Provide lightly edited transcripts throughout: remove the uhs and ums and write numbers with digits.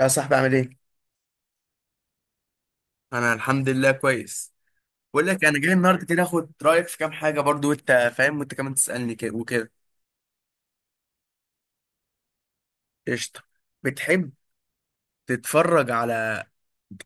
يا صاحبي عامل ايه؟ انا الحمد لله كويس. بقول لك انا جاي النهارده كده اخد رايك في كام حاجه، برضو وانت فاهم وانت كمان تسالني كده وكده. قشطه. بتحب تتفرج على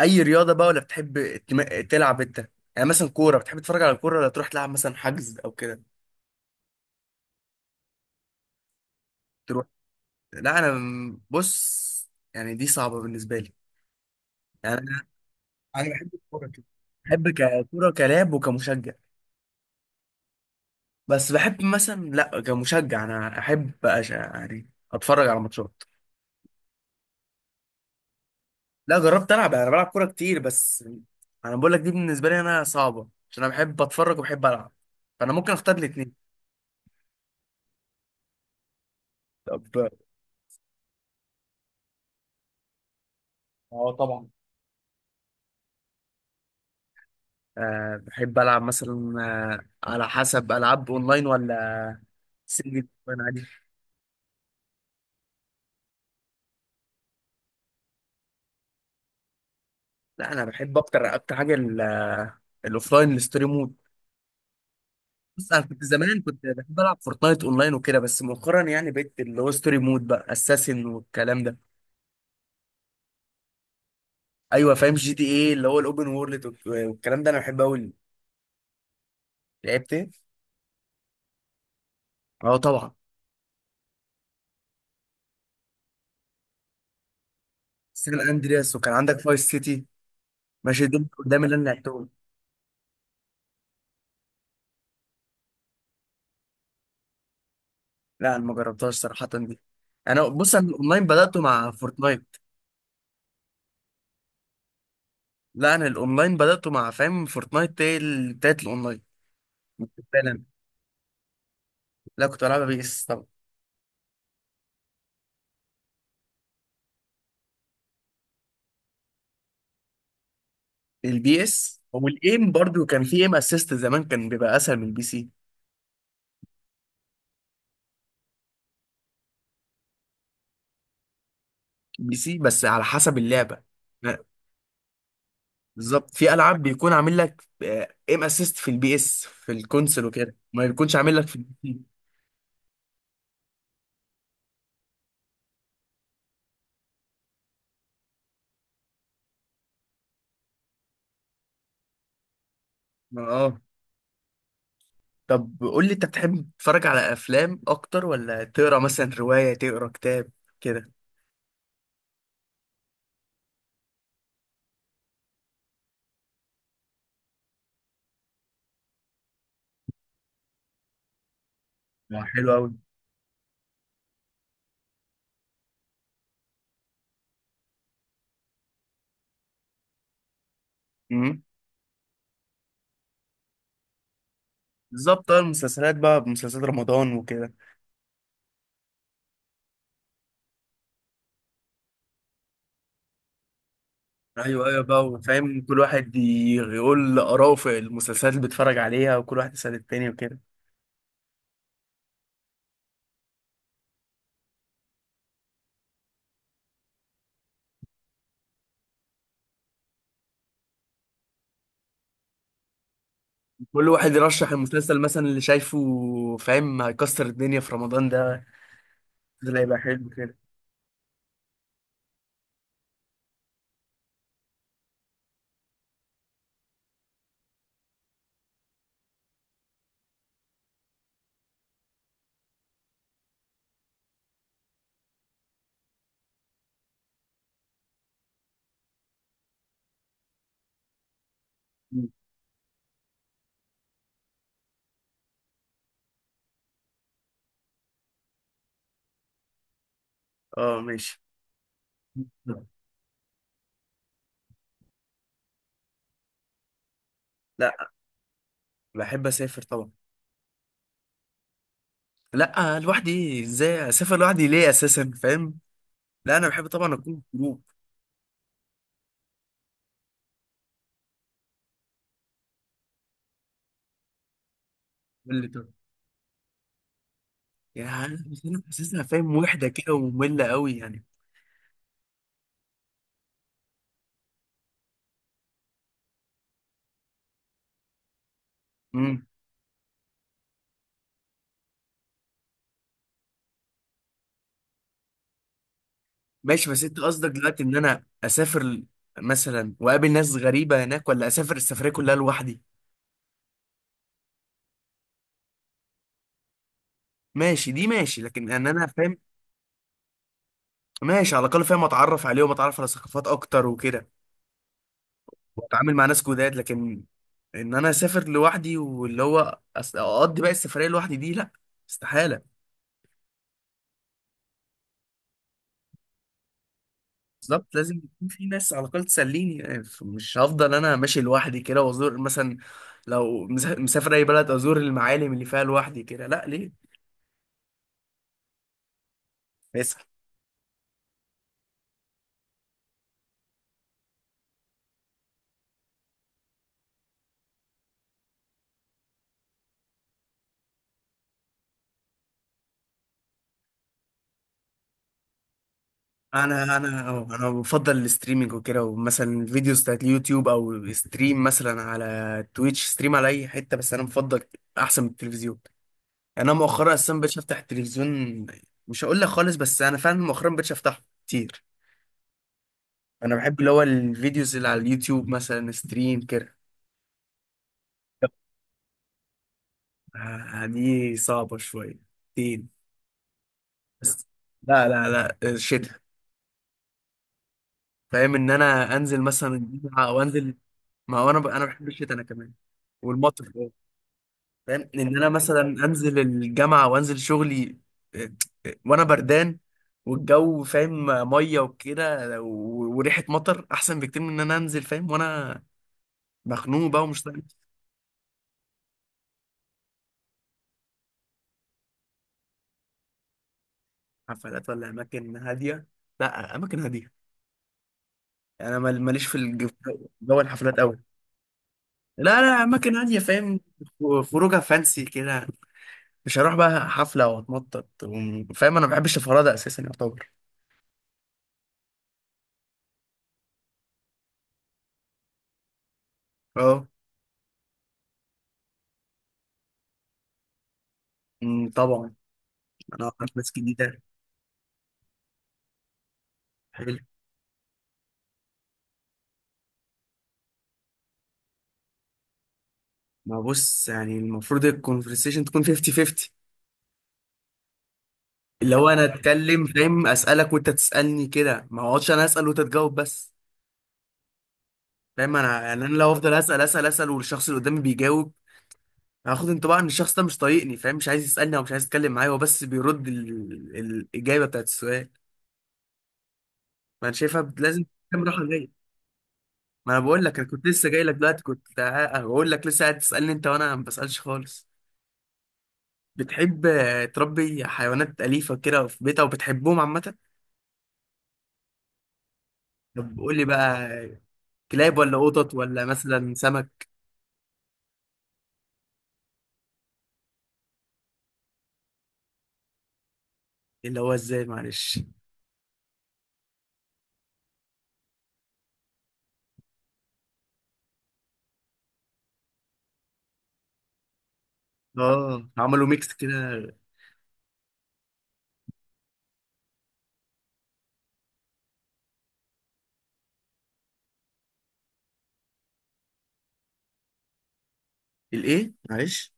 اي رياضه بقى، ولا بتحب تلعب انت؟ يعني مثلا كوره، بتحب تتفرج على الكوره، ولا تروح تلعب مثلا حجز او كده؟ تروح. لا انا بص، يعني دي صعبه بالنسبه لي. يعني انا بحب الكوره كده. بحب ككوره، كلاعب وكمشجع. بس بحب مثلا، لا، كمشجع انا احب يعني اتفرج على ماتشات. لا جربت العب، انا بلعب كوره كتير، بس انا بقول لك دي بالنسبه لي انا صعبه، عشان انا بحب اتفرج وبحب العب، فانا ممكن اختار الاثنين. طب. اه طبعا. أه بحب العب مثلا. أه على حسب، العاب اونلاين ولا سنجل، انا عادي. لا انا بحب اكتر، حاجه الاوفلاين، الستوري مود. بص انا كنت زمان كنت بحب العب فورتنايت اونلاين وكده، بس مؤخرا يعني بقيت اللي هو ستوري مود بقى اساسن والكلام ده. ايوه فاهم، جي تي ايه، اللي هو الاوبن وورلد والكلام ده، انا بحبه قوي. لعبت إيه؟ اه طبعا. سان اندرياس، وكان عندك فايس سيتي. ماشي، دول قدام اللي انا لعبتهم. لا انا ما جربتهاش صراحه دي. انا بص، انا الاونلاين بداته مع فورتنايت. لا انا الاونلاين بداته مع، فاهم، فورتنايت هي بتاعت الاونلاين. فعلا. لا كنت بلعبها بي اس طبعا. البي اس والايم برضو كان في ايم اسيست زمان، كان بيبقى اسهل من البي سي. بي سي، بس على حسب اللعبه. لا، بالظبط في العاب بيكون عامل لك ايم اسيست في البي اس في الكونسل وكده، ما بيكونش عامل لك في البي سي. اه. طب قول لي، انت بتحب تتفرج على افلام اكتر، ولا تقرا مثلا روايه، تقرا كتاب كده؟ حلو قوي. امم بالظبط، اه، المسلسلات بقى، مسلسلات رمضان وكده. ايوه ايوه، بقى فاهم، كل واحد يقول اراءه في المسلسلات اللي بيتفرج عليها، وكل واحد يسأل التاني وكده. كل واحد يرشح المسلسل مثلا اللي شايفه، فاهم، هيكسر الدنيا في رمضان ده. ده يبقى حلو كده. مم. اه ماشي. لا بحب اسافر طبعا. لا، لوحدي؟ ازاي اسافر لوحدي؟ ليه اساسا، فاهم؟ لا انا بحب طبعا اكون في جروب. واللي، طب، يعني بس انا حاسسها، فاهم، وحده كده وممله قوي يعني. امم، ماشي، بس انت قصدك دلوقتي ان انا اسافر مثلا واقابل ناس غريبه هناك، ولا اسافر السفريه كلها لوحدي؟ ماشي، دي ماشي، لكن ان انا، فاهم، ماشي على الاقل، فاهم، اتعرف عليهم، اتعرف على ثقافات اكتر وكده، واتعامل مع ناس جداد. لكن ان انا اسافر لوحدي واللي هو اقضي بقى السفريه لوحدي، دي لا، استحاله. بالظبط، لازم يكون في ناس على الأقل تسليني، يعني مش هفضل أنا ماشي لوحدي كده وأزور مثلا، لو مسافر أي بلد، أزور المعالم اللي فيها لوحدي كده؟ لا، ليه؟ اسأل. أنا بفضل الاستريمينج وكده، ومثلا فيديوز بتاعت اليوتيوب، أو ستريم مثلا على تويتش، ستريم على أي حتة، بس أنا بفضل أحسن من التلفزيون. يعني أنا مؤخرا أصلا مبقتش أفتح التلفزيون. مش هقول لك خالص، بس أنا فعلا مؤخرا مبقتش أفتحه كتير. أنا بحب اللي هو الفيديوز اللي على اليوتيوب مثلا، ستريم كده. دي صعبة شوية. تين. بس، لا، لا الشتاء. فاهم ان انا انزل مثلا الجامعة او انزل، ما هو انا انا بحب الشتاء انا كمان. والمطر. فاهم ان انا مثلا انزل الجامعة وانزل شغلي، آه، وانا بردان، والجو، فاهم، مية وكده، وريحة مطر احسن بكتير من ان انا انزل، فاهم، وانا مخنوق بقى ومش طايق. حفلات ولا اماكن هادية؟ لا اماكن هادية. انا ماليش في جو الحفلات قوي. لا لا، اماكن هاديه، فاهم، خروجه فانسي كده، مش هروح بقى حفله واتنطط فاهم انا ما بحبش الفرادة اساسا، يعتبر. اه. أمم، طبعا. انا اعرف ناس جديده، حلو. ما بص يعني، المفروض الكونفرسيشن تكون 50 50، اللي هو انا اتكلم، فاهم، اسالك وانت تسالني كده، ما اقعدش انا اسال وانت تجاوب بس. فاهم؟ انا يعني انا لو افضل اسال اسال اسال، والشخص اللي قدامي بيجاوب، هاخد انطباع ان الشخص ده مش طايقني، فاهم، مش عايز يسالني او مش عايز يتكلم معايا، هو بس بيرد الاجابه بتاعت السؤال. ما انا شايفها لازم. كام راحه جايه؟ ما انا بقول لك، انا كنت لسه جاي لك دلوقتي كنت هقول لك، لسه قاعد تسالني انت وانا ما بسالش خالص. بتحب تربي حيوانات اليفه كده في بيتها، وبتحبهم عامه؟ طب قول لي بقى، كلاب ولا قطط ولا مثلا سمك؟ اللي هو ازاي، معلش؟ اه، عملوا ميكس كده. الايه، معلش؟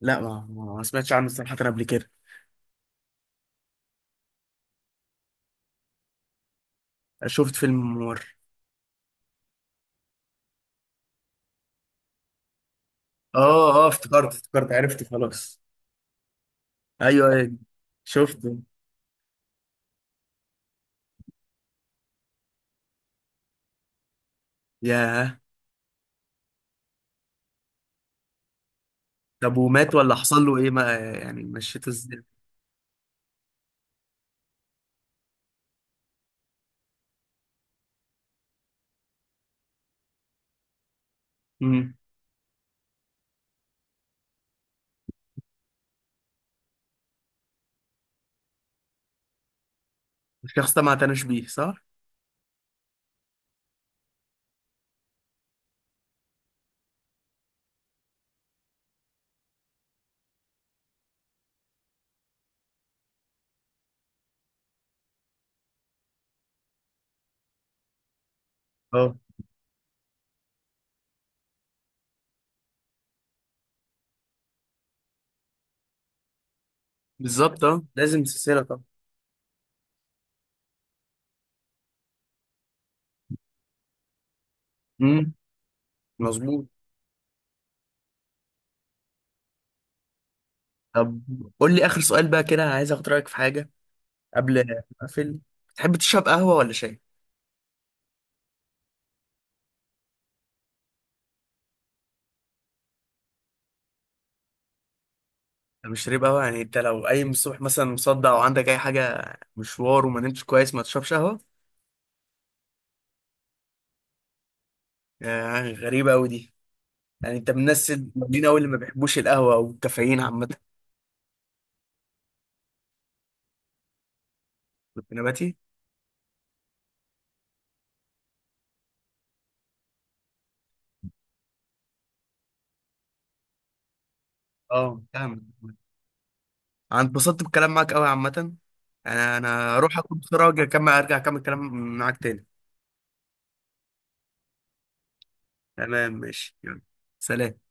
لا ما ما سمعتش عنه صراحه قبل كده. شفت فيلم ممر؟ اه اه، افتكرت، افتكرت، عرفت خلاص. ايوه ايوه، شفته. ياه. طب ومات ولا حصل له ايه؟ ما يعني مشيته ازاي؟ امم الشخص ده ما اعتناش بيه، صح؟ اه بالظبط، اه، لازم سلسلة طبعا. امم، مظبوط. طب قول لي اخر سؤال بقى كده، عايز اخد رايك في حاجه قبل ما اقفل. تحب تشرب قهوه ولا شاي؟ انا مش شارب قهوه، يعني انت لو قايم الصبح مثلا مصدع، او عندك اي حاجه، مشوار، وما نمتش كويس، ما تشربش قهوه؟ آه، غريبه قوي دي. يعني انت من الناس القليلين قوي اللي ما بيحبوش القهوة والكافيين عامة. كنت نباتي. اه فاهم. انا اتبسطت بالكلام معاك قوي عامة. انا اروح اكل بسرعة واجي اكمل، ارجع اكمل كلام معاك تاني. تمام، ماشي، يلا. سلام.